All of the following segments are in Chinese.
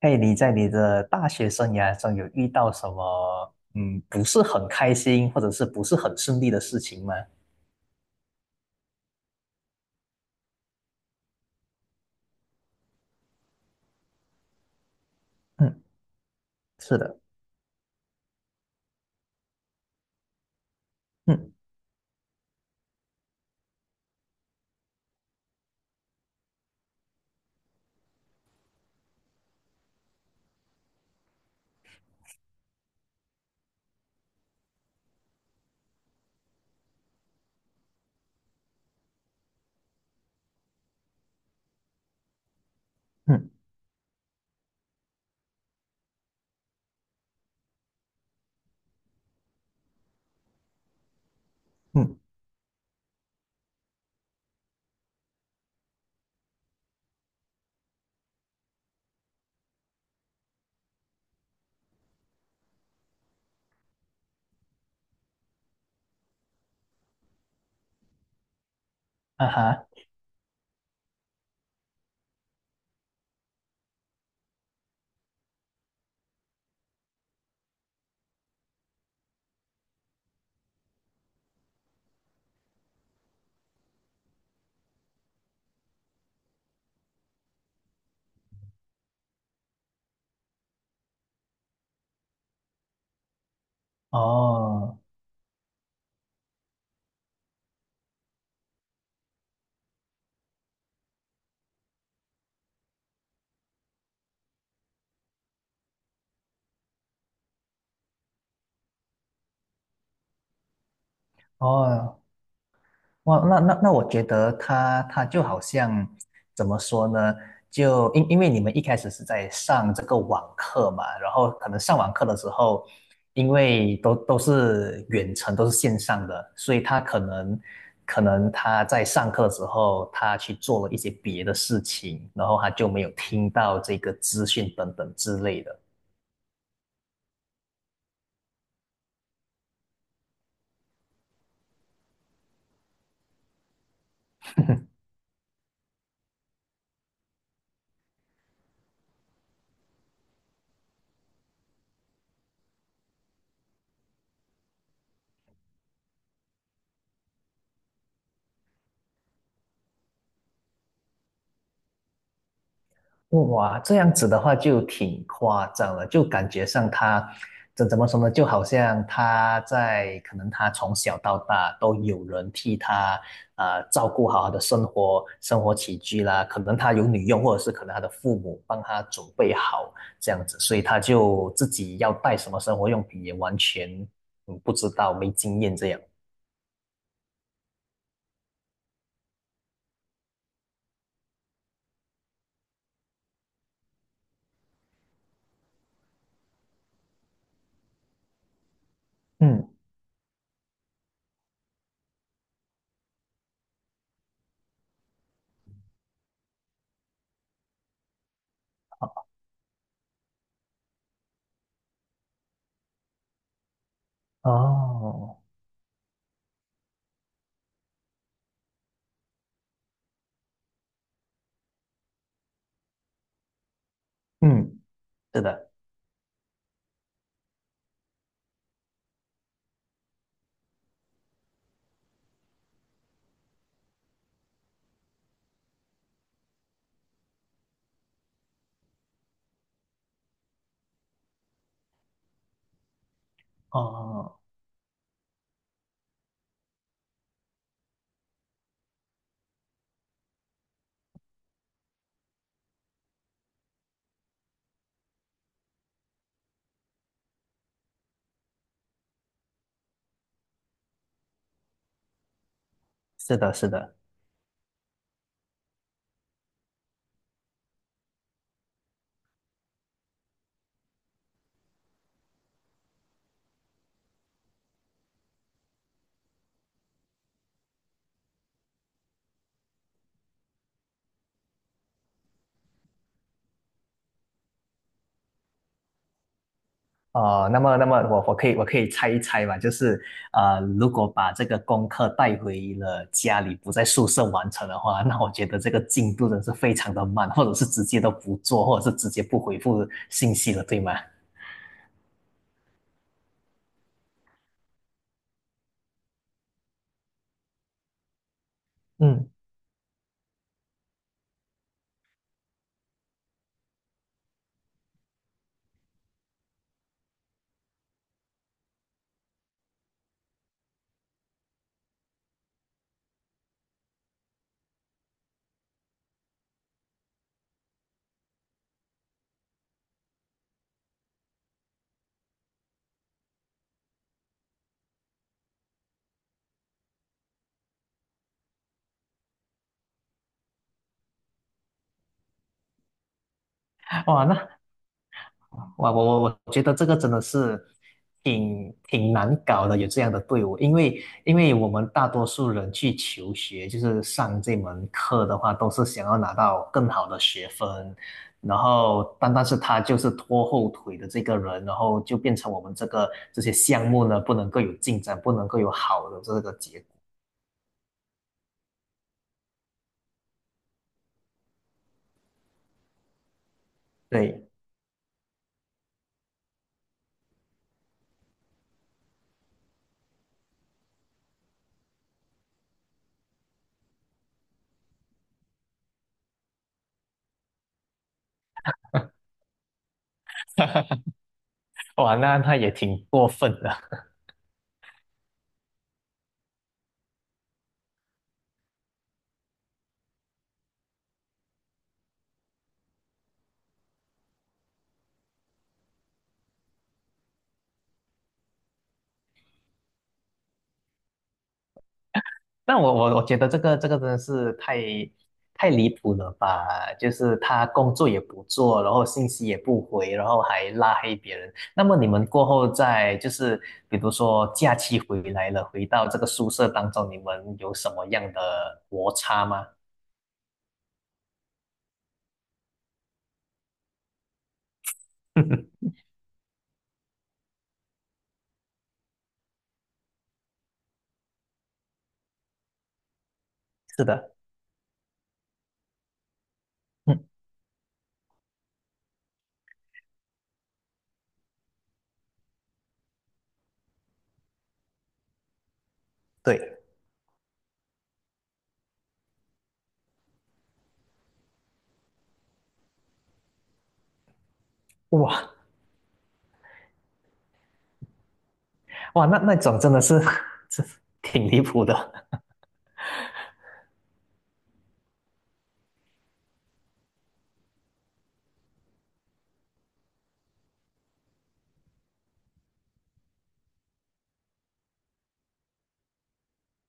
嘿，你在你的大学生涯中有遇到什么不是很开心或者是不是很顺利的事情吗？嗯，是的，嗯嗯嗯，啊哈，哦哦，哇，那，我觉得他就好像怎么说呢？就因为你们一开始是在上这个网课嘛，然后可能上网课的时候，因为都是远程，都是线上的，所以他可能可能他在上课的时候，他去做了一些别的事情，然后他就没有听到这个资讯等等之类的。哇，这样子的话就挺夸张了，就感觉上他这怎么说呢？就好像他在可能他从小到大都有人替他照顾好他的生活起居啦，可能他有女佣，或者是可能他的父母帮他准备好这样子，所以他就自己要带什么生活用品也完全不知道，没经验这样。嗯，哦，嗯，是的，哦，是的，是的。哦，那么，那么我可以我可以猜一猜嘛，就是，如果把这个功课带回了家里，不在宿舍完成的话，那我觉得这个进度真是非常的慢，或者是直接都不做，或者是直接不回复信息了，对吗？嗯，哇，那哇，我觉得这个真的是挺难搞的，有这样的队伍，因为因为我们大多数人去求学，就是上这门课的话，都是想要拿到更好的学分，然后但是他就是拖后腿的这个人，然后就变成我们这个这些项目呢，不能够有进展，不能够有好的这个结果。对，哇，那那也挺过分的。但我觉得这个这个真的是太离谱了吧？就是他工作也不做，然后信息也不回，然后还拉黑别人。那么你们过后在就是比如说假期回来了，回到这个宿舍当中，你们有什么样的摩擦吗？是的，嗯，对，哇哇，那那种真的是 真是挺离谱的，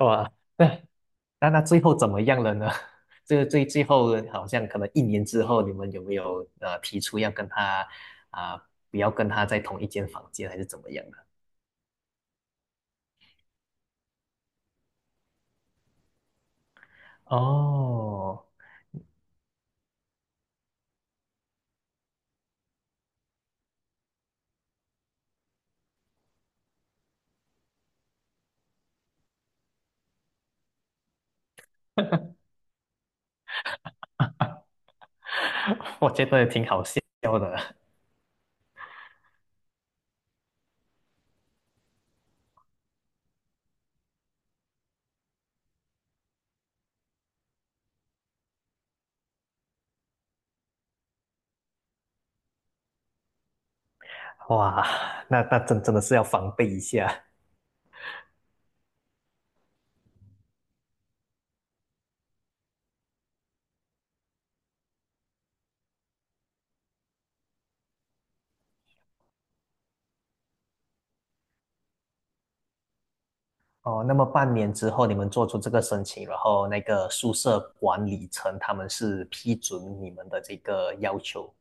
哇，对。那那最后怎么样了呢？这最后好像可能一年之后，你们有没有提出要跟他啊、不要跟他在同一间房间，还是怎么样的？哦，我觉得挺好笑的。哇，那那真真的是要防备一下哦。那么半年之后，你们做出这个申请，然后那个宿舍管理层他们是批准你们的这个要求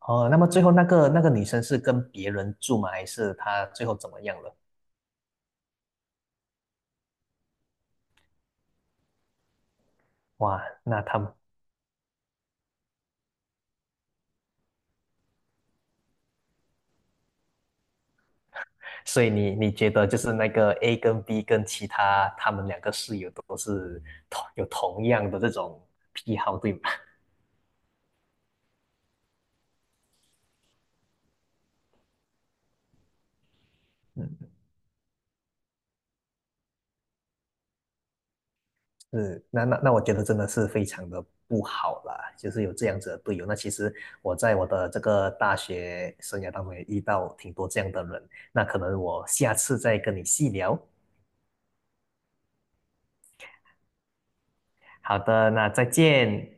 哦。那么最后那个那个女生是跟别人住吗？还是她最后怎么样了？哇，那他们，所以你觉得就是那个 A 跟 B 跟其他他们两个室友都是同有同样的这种癖好，对吗？嗯，是，那我觉得真的是非常的不好啦，就是有这样子的队友。那其实我在我的这个大学生涯当中也遇到挺多这样的人，那可能我下次再跟你细聊。好的，那再见。